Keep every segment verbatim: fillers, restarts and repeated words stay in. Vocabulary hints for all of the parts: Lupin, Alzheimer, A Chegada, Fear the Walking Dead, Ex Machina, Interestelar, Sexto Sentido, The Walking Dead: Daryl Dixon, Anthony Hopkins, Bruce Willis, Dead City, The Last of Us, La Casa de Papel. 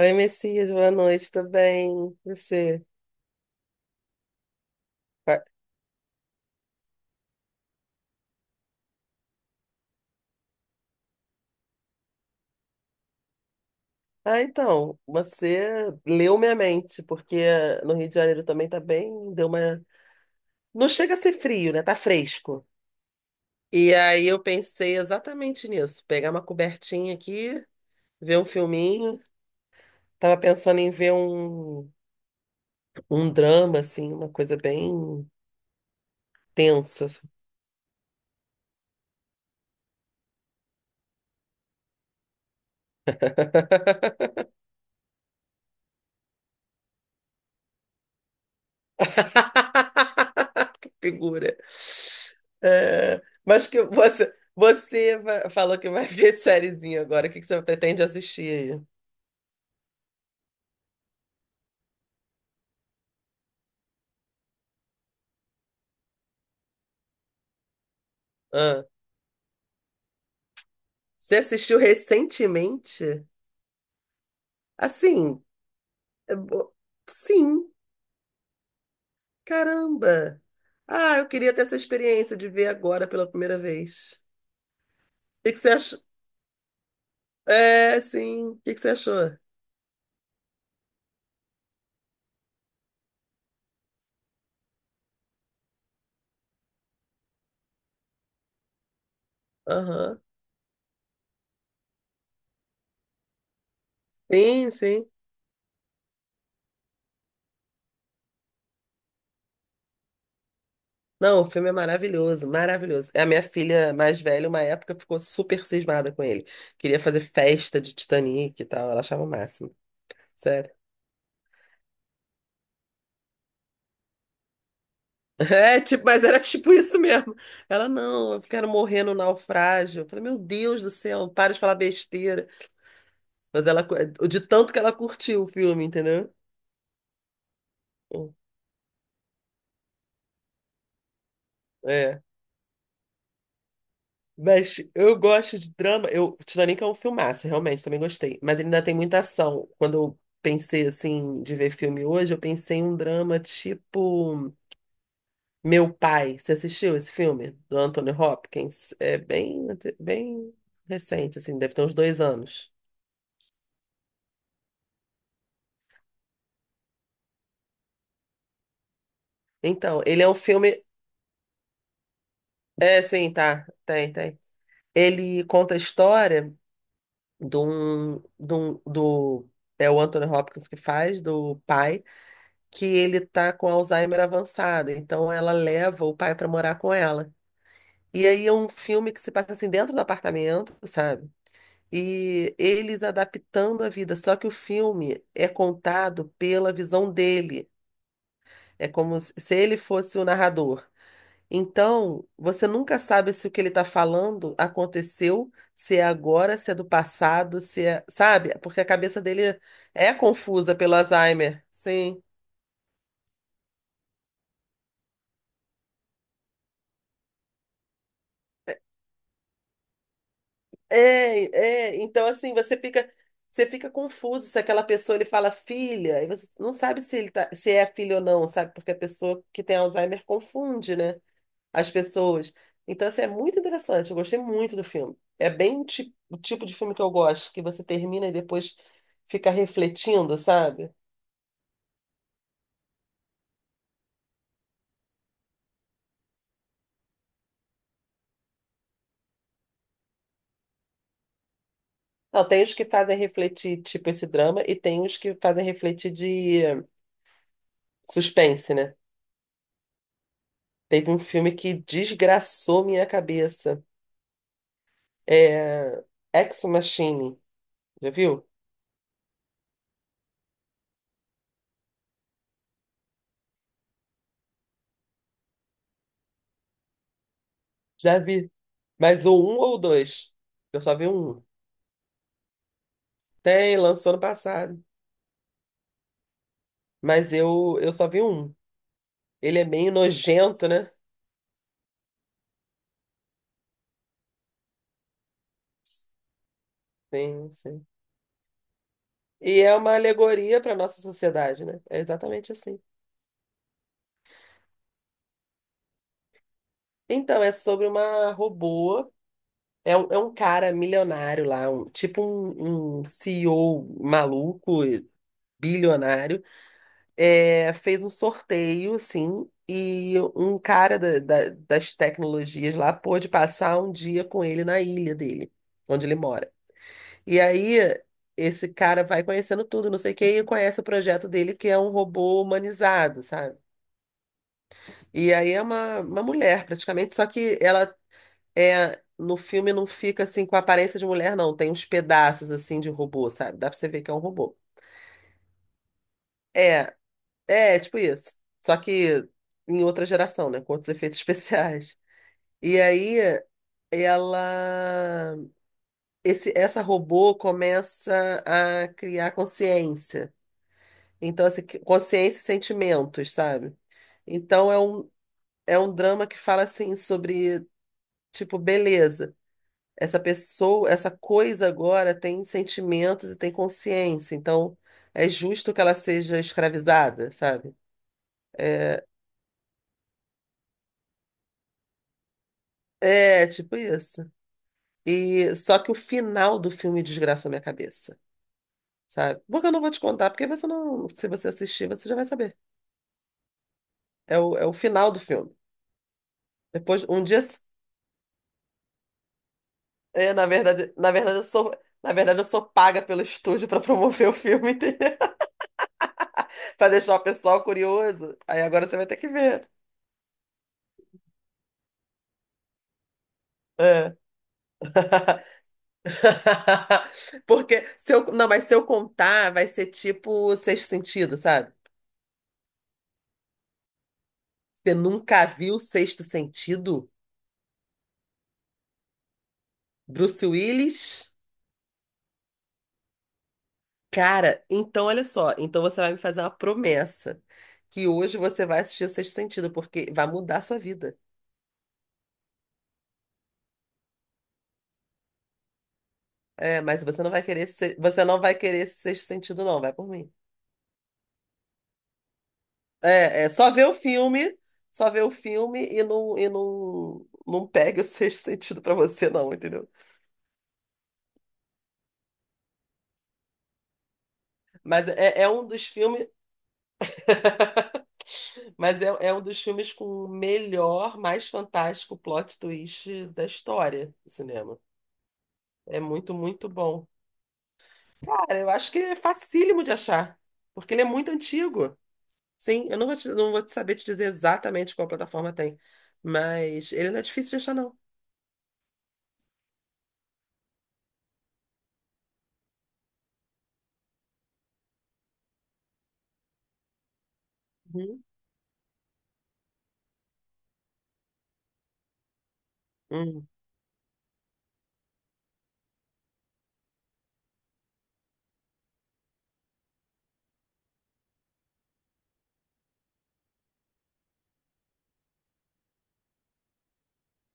Oi, Messias, boa noite, tudo bem? Você? Ah, então, você leu minha mente, porque no Rio de Janeiro também tá bem, deu uma... Não chega a ser frio, né? Tá fresco. E aí eu pensei exatamente nisso, pegar uma cobertinha aqui, ver um filminho. Tava pensando em ver um, um drama, assim, uma coisa bem tensa. Assim. Figura. Ah, mas que você, você va- falou que vai ver sériezinha agora. O que que você pretende assistir aí? Ah, você assistiu recentemente? Assim, é bo- sim, caramba. Ah, eu queria ter essa experiência de ver agora pela primeira vez. O que que você achou? É, sim. O que que você achou? Aham. Sim, sim. Não, o filme é maravilhoso, maravilhoso. A minha filha mais velha, uma época, ficou super cismada com ele. Queria fazer festa de Titanic e tal, ela achava o máximo. Sério. É, tipo, mas era tipo isso mesmo. Ela, não, eu quero morrer no naufrágio. Eu falei, meu Deus do céu, para de falar besteira. Mas ela, cu- de tanto que ela curtiu o filme, entendeu? É. Mas eu gosto de drama. Eu, Titanic é um filmaço, realmente, também gostei. Mas ele ainda tem muita ação. Quando eu pensei, assim, de ver filme hoje, eu pensei em um drama tipo Meu Pai. Você assistiu esse filme? Do Anthony Hopkins? É bem, bem recente, assim, deve ter uns dois anos. Então, ele é um filme. É, sim, tá. Tem, tem. Ele conta a história de um, de um- do. É o Anthony Hopkins que faz, do pai que ele tá com Alzheimer avançado, então ela leva o pai para morar com ela. E aí é um filme que se passa assim dentro do apartamento, sabe? E eles adaptando a vida, só que o filme é contado pela visão dele. É como se se ele fosse o narrador. Então, você nunca sabe se o que ele está falando aconteceu, se é agora, se é do passado, se é, sabe? Porque a cabeça dele é confusa pelo Alzheimer. Sim. É, é, então assim, você fica, você fica confuso se aquela pessoa ele fala filha, e você não sabe se ele tá, se é filho ou não, sabe? Porque a pessoa que tem Alzheimer confunde, né? As pessoas. Então, assim, é muito interessante, eu gostei muito do filme. É bem o ti- o tipo de filme que eu gosto, que você termina e depois fica refletindo, sabe? Não, tem os que fazem refletir, tipo esse drama, e tem os que fazem refletir de suspense, né? Teve um filme que desgraçou minha cabeça. É... Ex Machine. Já viu? Já vi. Mas ou um ou dois. Eu só vi um. Tem, lançou ano passado. Mas eu, eu só vi um. Ele é meio nojento, né? Sim, sim. E é uma alegoria para nossa sociedade, né? É exatamente assim. Então, é sobre uma robô. É um, é um cara milionário lá, um- tipo um, um CEO maluco, bilionário é, fez um sorteio, assim, e um cara da- da- das tecnologias lá pôde passar um dia com ele na ilha dele, onde ele mora. E aí, esse cara vai conhecendo tudo, não sei o quê, e conhece o projeto dele, que é um robô humanizado, sabe? E aí é uma, uma mulher, praticamente, só que ela é. No filme não fica assim com a aparência de mulher, não. Tem uns pedaços assim de robô, sabe? Dá pra você ver que é um robô. É, É, tipo isso. Só que em outra geração, né? Com outros efeitos especiais. E aí ela. Esse, essa robô começa a criar consciência. Então, assim, que- consciência e sentimentos, sabe? Então é um, é um drama que fala assim sobre, tipo, beleza. Essa pessoa, essa coisa agora tem sentimentos e tem consciência. Então é justo que ela seja escravizada, sabe? É, é tipo isso. E só que o final do filme desgraça a minha cabeça, sabe? Porque eu não vou te contar, porque você não, se você assistir, você já vai saber. É o, é o final do filme. Depois, um dia, é, na verdade, na verdade eu sou, na verdade eu sou paga pelo estúdio para promover o filme, entendeu? Para deixar o pessoal curioso. Aí agora você vai ter que ver. É. Porque se eu, não, mas se eu contar, vai ser tipo o Sexto Sentido, sabe? Você nunca viu o Sexto Sentido? Bruce Willis? Cara, então olha só, então você vai me fazer uma promessa que hoje você vai assistir o Sexto Sentido, porque vai mudar a sua vida. É, mas você não vai querer esse, se- você não vai querer esse Sexto Sentido, não, vai por mim. É, é só ver o filme, só ver o filme e não, e não, não pegue o Sexto Sentido pra você, não, entendeu? Mas é, é um dos filmes. Mas é, é um dos filmes com o melhor, mais fantástico plot twist da história do cinema. É muito, muito bom. Cara, eu acho que é facílimo de achar, porque ele é muito antigo. Sim, eu não vou te- não vou te saber te dizer exatamente qual plataforma tem, mas ele não é difícil de achar, não. Uhum. Hum.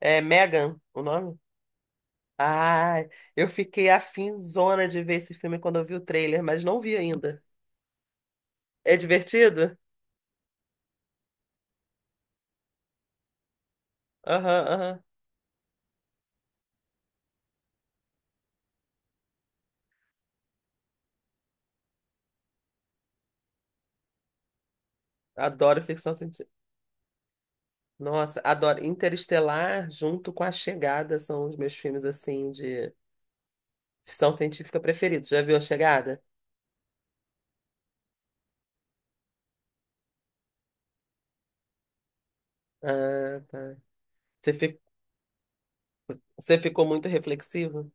É Megan, o nome? Ah, eu fiquei afinzona de ver esse filme quando eu vi o trailer, mas não vi ainda. É divertido? Aham, aham. Adoro ficção científica. Nossa, adoro. Interestelar junto com A Chegada são os meus filmes, assim, de ficção científica preferidos. Já viu A Chegada? Ah, tá. Você fi- Você ficou muito reflexivo?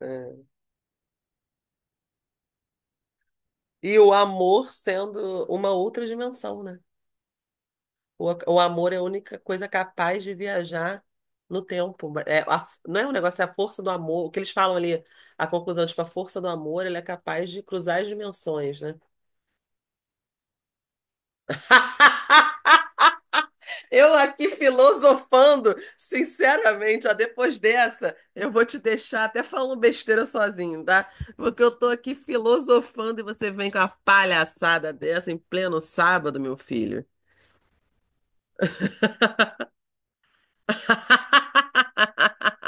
É. E o amor sendo uma outra dimensão, né? O, a- o amor é a única coisa capaz de viajar no tempo. É, a f- não é um negócio, é a força do amor. O que eles falam ali, a conclusão, tipo, a força do amor, ele é capaz de cruzar as dimensões, né? Eu aqui filosofando, sinceramente, ó, depois dessa, eu vou te deixar até falando besteira sozinho, tá? Porque eu tô aqui filosofando e você vem com uma palhaçada dessa em pleno sábado, meu filho.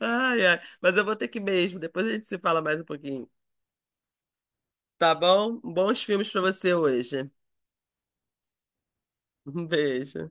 Ai, ai. Mas eu vou ter que ir mesmo, depois a gente se fala mais um pouquinho. Tá bom? Bons filmes pra você hoje. Um beijo.